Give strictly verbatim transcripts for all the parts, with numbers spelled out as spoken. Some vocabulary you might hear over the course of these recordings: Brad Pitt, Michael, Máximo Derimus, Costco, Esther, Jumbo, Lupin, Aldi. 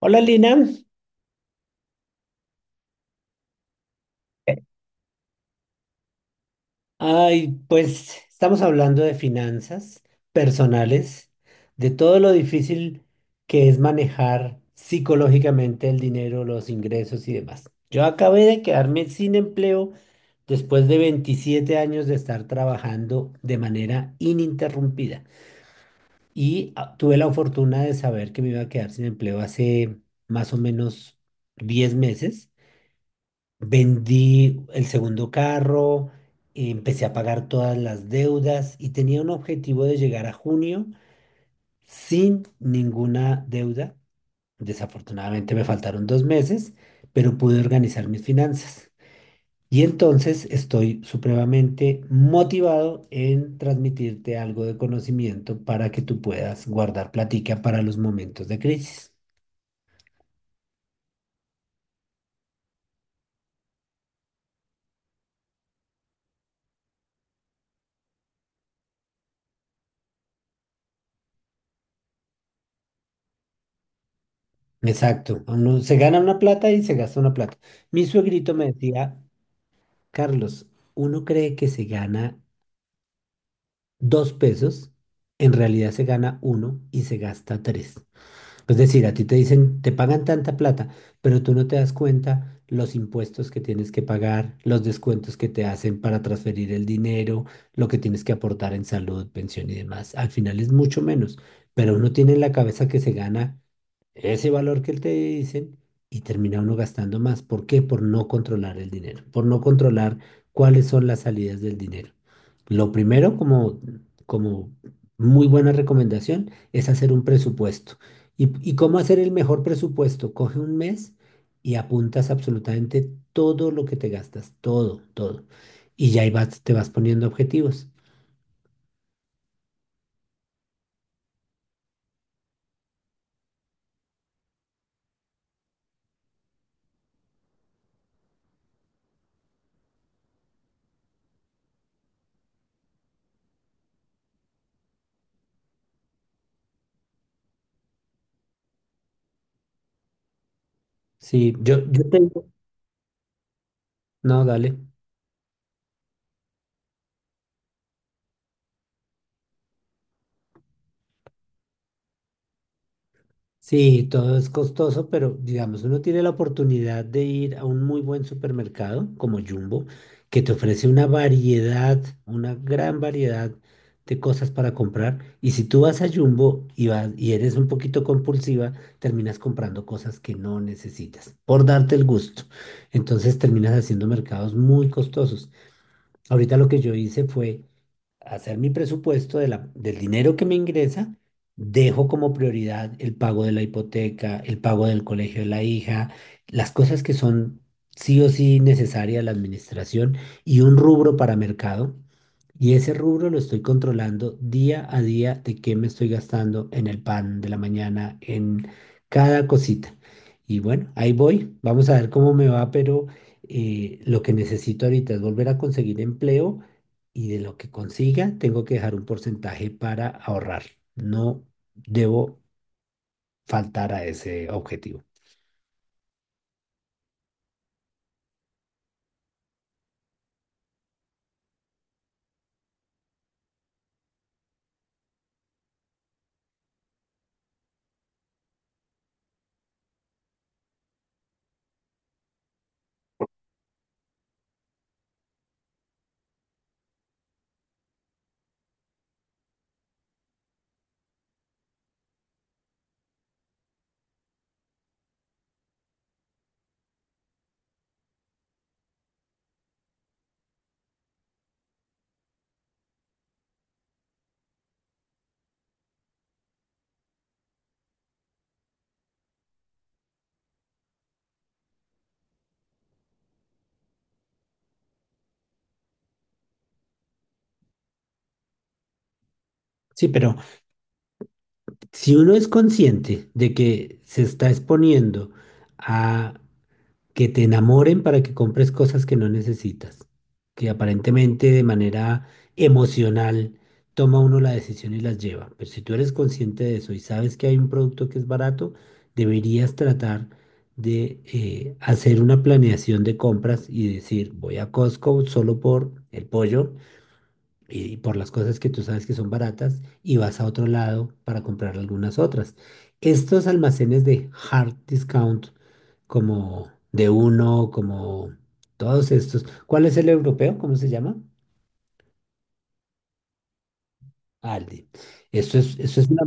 Hola Lina, ay, pues estamos hablando de finanzas personales, de todo lo difícil que es manejar psicológicamente el dinero, los ingresos y demás. Yo acabé de quedarme sin empleo después de veintisiete años de estar trabajando de manera ininterrumpida y ah, tuve la fortuna de saber que me iba a quedar sin empleo hace más o menos diez meses. Vendí el segundo carro, empecé a pagar todas las deudas y tenía un objetivo de llegar a junio sin ninguna deuda. Desafortunadamente me faltaron dos meses, pero pude organizar mis finanzas. Y entonces estoy supremamente motivado en transmitirte algo de conocimiento para que tú puedas guardar platica para los momentos de crisis. Exacto, uno se gana una plata y se gasta una plata. Mi suegrito me decía Carlos, uno cree que se gana dos pesos, en realidad se gana uno y se gasta tres. Es decir, a ti te dicen, te pagan tanta plata, pero tú no te das cuenta los impuestos que tienes que pagar, los descuentos que te hacen para transferir el dinero, lo que tienes que aportar en salud, pensión y demás. Al final es mucho menos, pero uno tiene en la cabeza que se gana ese valor que te dicen y termina uno gastando más. ¿Por qué? Por no controlar el dinero, por no controlar cuáles son las salidas del dinero. Lo primero, como, como muy buena recomendación, es hacer un presupuesto. ¿Y, y cómo hacer el mejor presupuesto? Coge un mes y apuntas absolutamente todo lo que te gastas, todo, todo. Y ya ahí vas, te vas poniendo objetivos. Sí, yo, yo tengo... No, dale. Sí, todo es costoso, pero digamos, uno tiene la oportunidad de ir a un muy buen supermercado como Jumbo, que te ofrece una variedad, una gran variedad de cosas para comprar. Y si tú vas a Jumbo y vas, y eres un poquito compulsiva, terminas comprando cosas que no necesitas, por darte el gusto. Entonces terminas haciendo mercados muy costosos. Ahorita lo que yo hice fue hacer mi presupuesto de la- del dinero que me ingresa, dejo como prioridad el pago de la hipoteca, el pago del colegio de la hija, las cosas que son sí o sí necesarias a la administración y un rubro para mercado. Y ese rubro lo estoy controlando día a día de qué me estoy gastando en el pan de la mañana, en cada cosita. Y bueno, ahí voy. Vamos a ver cómo me va, pero eh, lo que necesito ahorita es volver a conseguir empleo y de lo que consiga tengo que dejar un porcentaje para ahorrar. No debo faltar a ese objetivo. Sí, pero si uno es consciente de que se está exponiendo a que te enamoren para que compres cosas que no necesitas, que aparentemente de manera emocional toma uno la decisión y las lleva. Pero si tú eres consciente de eso y sabes que hay un producto que es barato, deberías tratar de eh, hacer una planeación de compras y decir, voy a Costco solo por el pollo y por las cosas que tú sabes que son baratas y vas a otro lado para comprar algunas otras. Estos almacenes de hard discount como de uno, como todos estos. ¿Cuál es el europeo? ¿Cómo se llama? Aldi. Eso es, eso es una...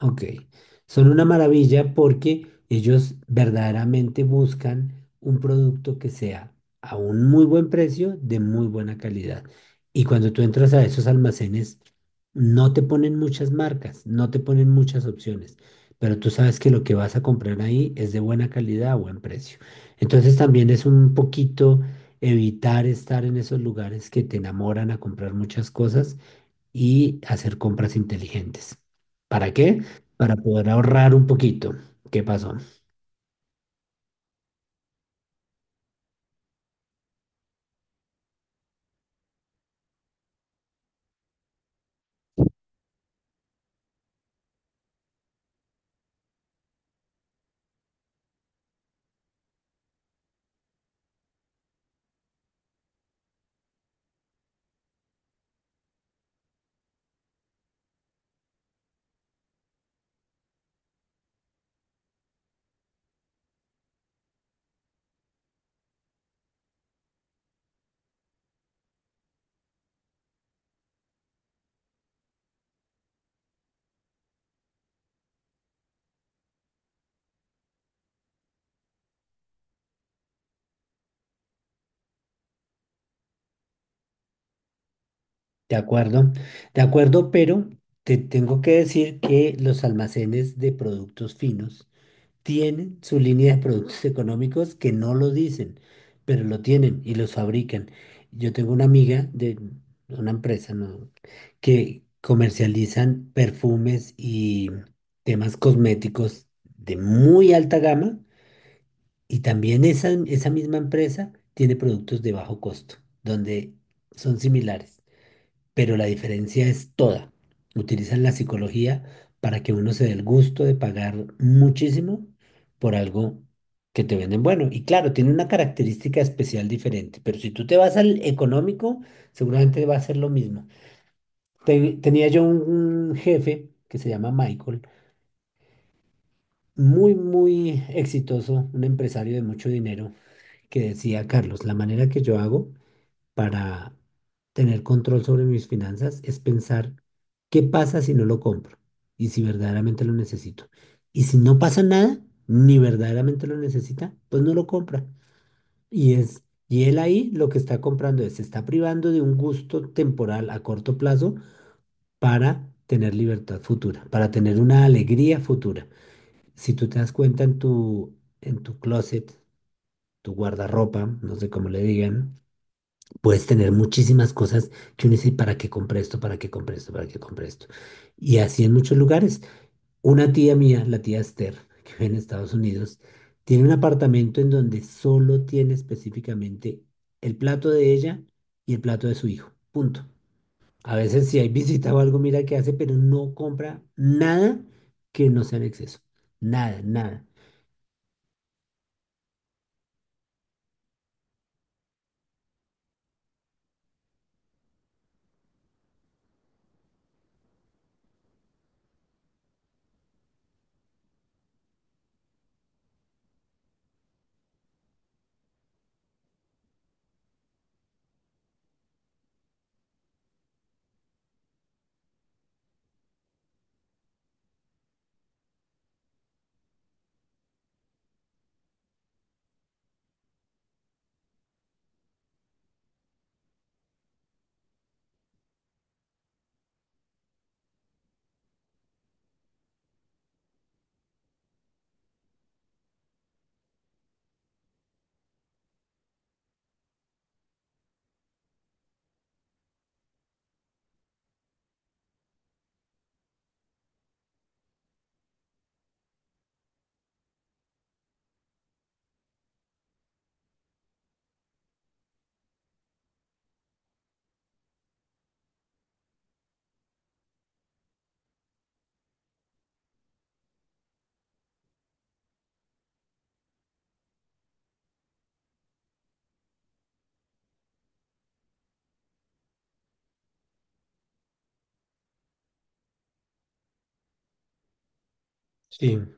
Ok, son una maravilla porque ellos verdaderamente buscan un producto que sea a un muy buen precio, de muy buena calidad. Y cuando tú entras a esos almacenes, no te ponen muchas marcas, no te ponen muchas opciones, pero tú sabes que lo que vas a comprar ahí es de buena calidad a buen precio. Entonces también es un poquito evitar estar en esos lugares que te enamoran a comprar muchas cosas y hacer compras inteligentes. ¿Para qué? Para poder ahorrar un poquito. ¿Qué pasó? De acuerdo, de acuerdo, pero te tengo que decir que los almacenes de productos finos tienen su línea de productos económicos que no lo dicen, pero lo tienen y los fabrican. Yo tengo una amiga de una empresa, ¿no?, que comercializan perfumes y temas cosméticos de muy alta gama. Y también esa, esa misma empresa tiene productos de bajo costo, donde son similares, pero la diferencia es toda. Utilizan la psicología para que uno se dé el gusto de pagar muchísimo por algo que te venden bueno. Y claro, tiene una característica especial diferente, pero si tú te vas al económico, seguramente va a ser lo mismo. Te- tenía yo un jefe que se llama Michael, muy, muy exitoso, un empresario de mucho dinero, que decía Carlos, la manera que yo hago para tener control sobre mis finanzas es pensar qué pasa si no lo compro y si verdaderamente lo necesito. Y si no pasa nada, ni verdaderamente lo necesita, pues no lo compra. Y es, y él ahí lo que está comprando es, se está privando de un gusto temporal a corto plazo para tener libertad futura, para tener una alegría futura. Si tú te das cuenta en tu en tu closet, tu guardarropa, no sé cómo le digan, puedes tener muchísimas cosas que uno dice, ¿para qué compré esto? ¿Para qué compré esto? ¿Para qué compré esto? Y así en muchos lugares. Una tía mía, la tía Esther, que vive en Estados Unidos, tiene un apartamento en donde solo tiene específicamente el plato de ella y el plato de su hijo. Punto. A veces si hay visita o algo, mira qué hace, pero no compra nada que no sea en exceso. Nada, nada. Sí.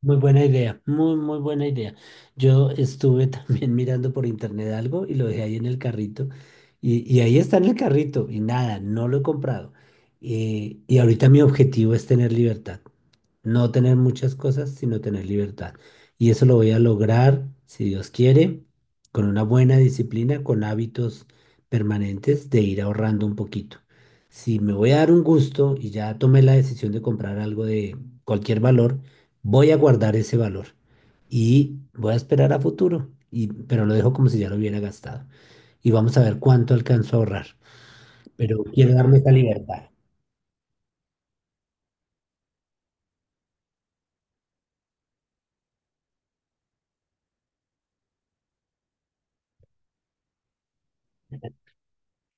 Muy buena idea, muy, muy buena idea. Yo estuve también mirando por internet algo y lo dejé ahí en el carrito. Y, y ahí está en el carrito y nada, no lo he comprado. Eh, y ahorita mi objetivo es tener libertad. No tener muchas cosas, sino tener libertad. Y eso lo voy a lograr, si Dios quiere, con una buena disciplina, con hábitos permanentes de ir ahorrando un poquito. Si me voy a dar un gusto y ya tomé la decisión de comprar algo de cualquier valor, voy a guardar ese valor y voy a esperar a futuro, y, pero lo dejo como si ya lo hubiera gastado. Y vamos a ver cuánto alcanzo a ahorrar. Pero quiero darme esa libertad.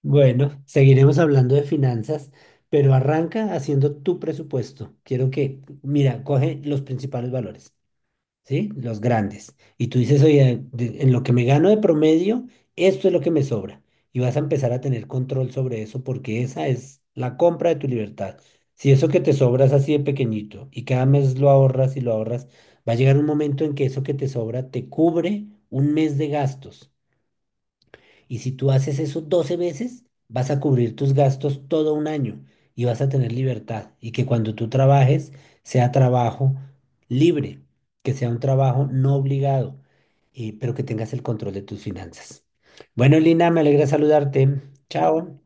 Bueno, seguiremos hablando de finanzas, pero arranca haciendo tu presupuesto. Quiero que, mira, coge los principales valores, ¿sí? Los grandes. Y tú dices, oye, de- en lo que me gano de promedio, esto es lo que me sobra. Y vas a empezar a tener control sobre eso porque esa es la compra de tu libertad. Si eso que te sobra es así de pequeñito y cada mes lo ahorras y lo ahorras, va a llegar un momento en que eso que te sobra te cubre un mes de gastos. Y si tú haces eso doce veces, vas a cubrir tus gastos todo un año y vas a tener libertad. Y que cuando tú trabajes sea trabajo libre, que sea un trabajo no obligado, y- pero que tengas el control de tus finanzas. Bueno, Lina, me alegra saludarte. Chao.